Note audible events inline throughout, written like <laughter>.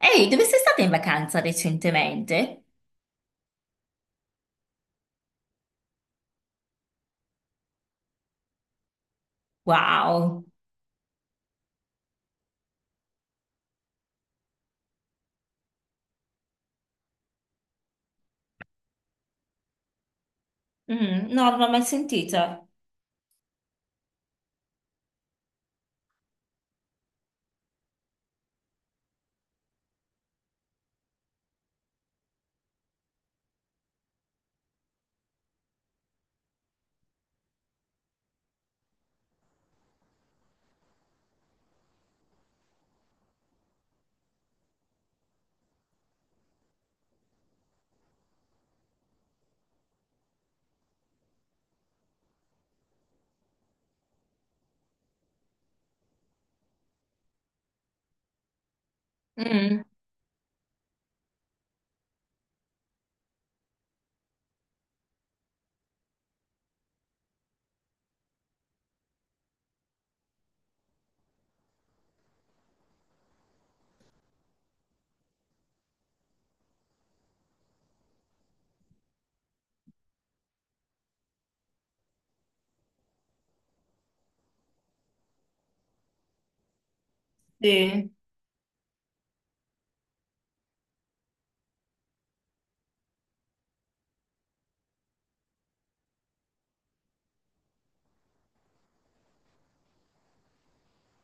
Ehi, dove sei stata in vacanza recentemente? Wow. Mm, no, non l'ho mai sentita. Mm, sì,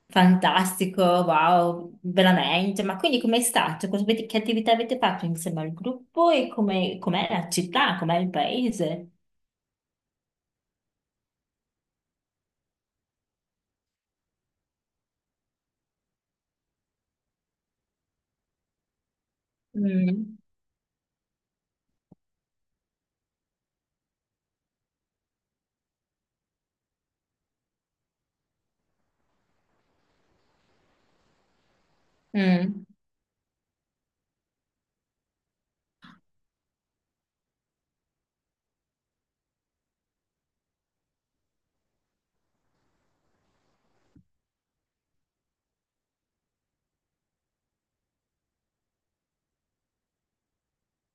fantastico, wow, veramente. Ma quindi com'è stato? Che attività avete fatto insieme al gruppo e come, com'è la città, com'è il paese? Mm. Mm.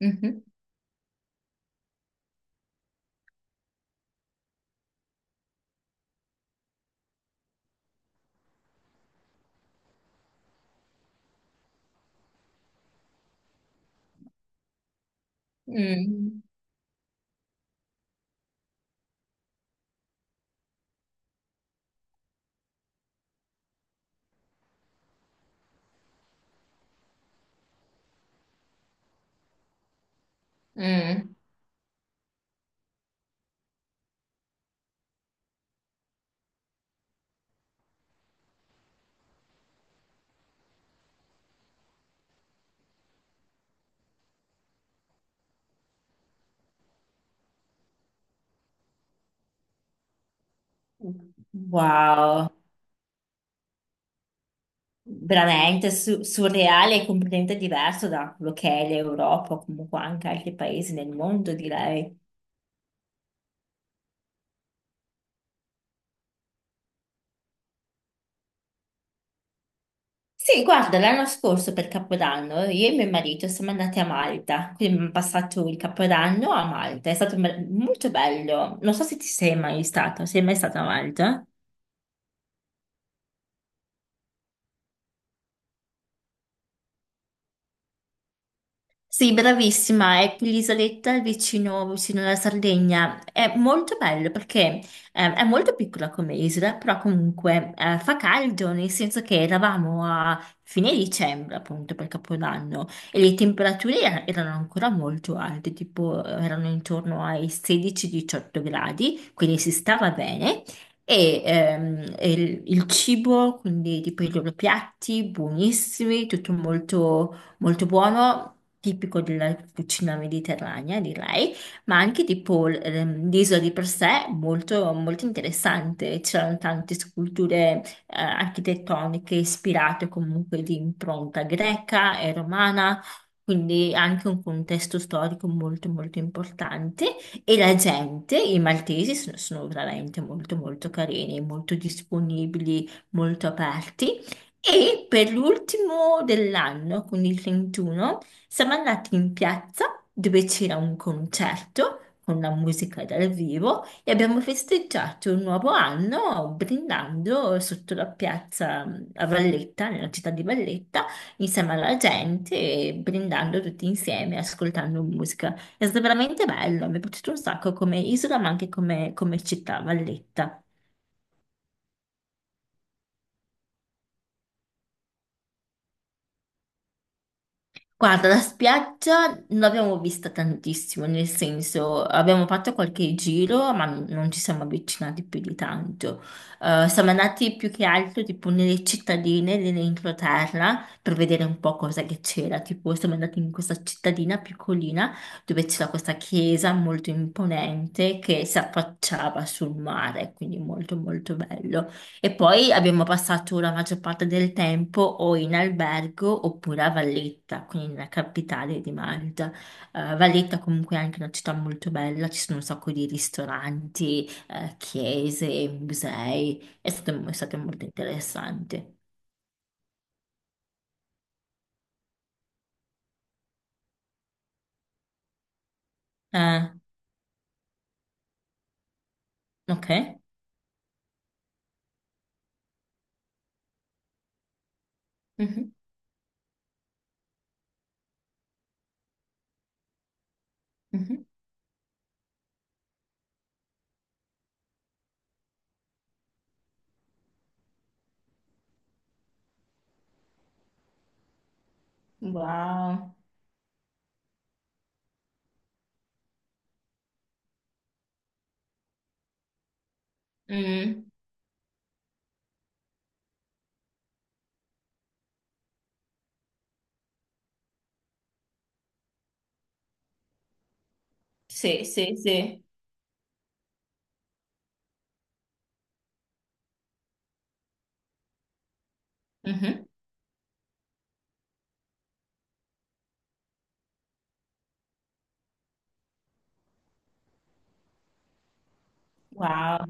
Mhm. Mm. Mm. Wow, veramente surreale e completamente diverso da quello che è l'Europa, o comunque anche altri paesi nel mondo, direi. Sì, guarda, l'anno scorso per Capodanno io e mio marito siamo andati a Malta, quindi abbiamo passato il Capodanno a Malta, è stato molto bello. Non so se ti sei mai stato a Malta? Sì, bravissima, è l'isoletta vicino, vicino alla Sardegna. È molto bello perché è molto piccola come isola, però comunque fa caldo, nel senso che eravamo a fine dicembre, appunto, per Capodanno, e le temperature erano ancora molto alte, tipo erano intorno ai 16-18 gradi, quindi si stava bene. E il cibo, quindi tipo i loro piatti, buonissimi, tutto molto molto buono, tipico della cucina mediterranea, direi, ma anche tipo l'isola di per sé molto, molto interessante. C'erano tante sculture architettoniche ispirate comunque di impronta greca e romana. Quindi anche un contesto storico molto molto importante e la gente, i maltesi sono, sono veramente molto molto carini, molto disponibili, molto aperti. E per l'ultimo dell'anno, quindi il 31, siamo andati in piazza dove c'era un concerto con la musica dal vivo e abbiamo festeggiato il nuovo anno brindando sotto la piazza a Valletta, nella città di Valletta, insieme alla gente e brindando tutti insieme, ascoltando musica. È stato veramente bello, mi è piaciuto un sacco come isola, ma anche come, come città, Valletta. Guarda, la spiaggia non l'abbiamo vista tantissimo, nel senso abbiamo fatto qualche giro, ma non ci siamo avvicinati più di tanto. Siamo andati più che altro tipo nelle cittadine dell'entroterra per vedere un po' cosa che c'era. Tipo, siamo andati in questa cittadina piccolina dove c'era questa chiesa molto imponente che si affacciava sul mare, quindi molto molto bello. E poi abbiamo passato la maggior parte del tempo o in albergo oppure a Valletta, quindi nella capitale di Malta. Valletta comunque è anche una città molto bella, ci sono un sacco di ristoranti, chiese, musei, è stato molto interessante. Ah, ok. Mhm. Mhm. Wow. Mm. Sì, sì, sì. Mhm. Wow.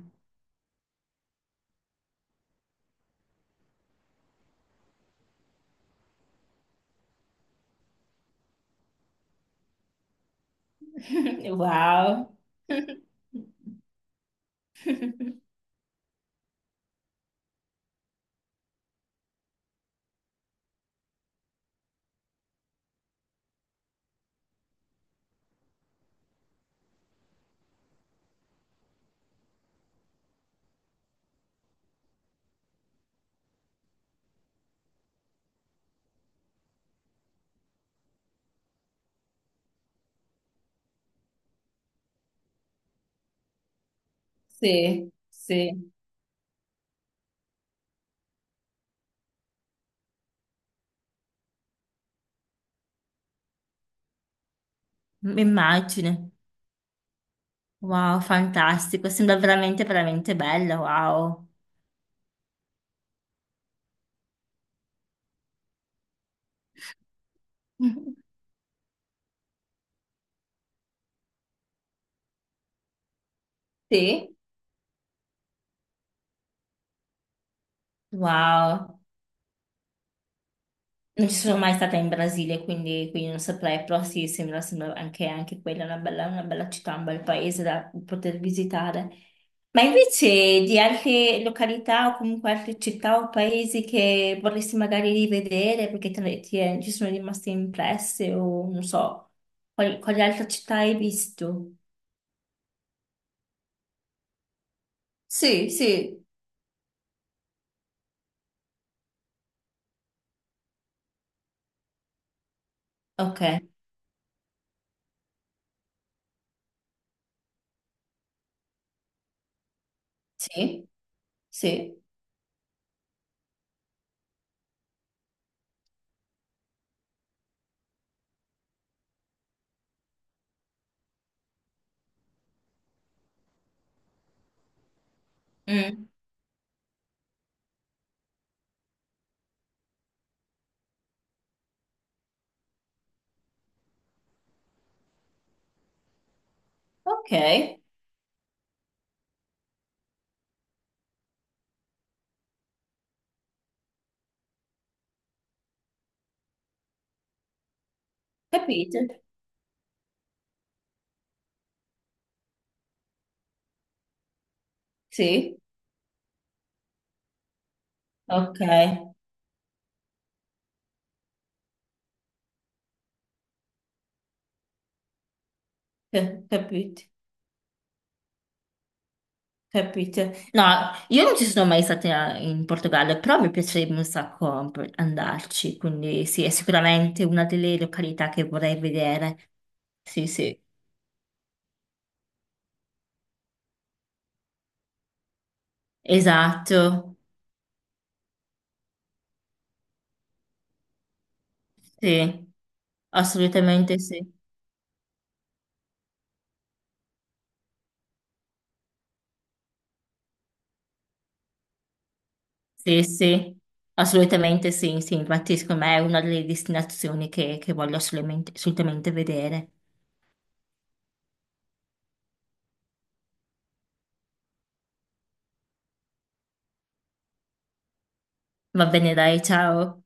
<laughs> Wow. <laughs> Sì, sì. Immagine. Wow, fantastico, sembra veramente, veramente bello, wow. <laughs> Sì? Wow, non ci sono mai stata in Brasile, quindi, quindi non saprei, però sì, sembra, sembra anche, anche quella una bella città, un bel paese da poter visitare. Ma invece di altre località o comunque altre città o paesi che vorresti magari rivedere perché ci sono rimaste impresse o non so, quali, quali altre città hai visto? Sì, sì. Ok, sì. Sì. Mm. Ok, capite? Sì, ok. Capite, capite. No, io non ci sono mai stata in Portogallo, però mi piacerebbe un sacco andarci, quindi sì, è sicuramente una delle località che vorrei vedere. Sì, sì, esatto, sì, assolutamente sì, sì, sì, assolutamente sì, sì, infatti secondo me è una delle destinazioni che voglio assolutamente assolutamente vedere. Va bene, dai, ciao.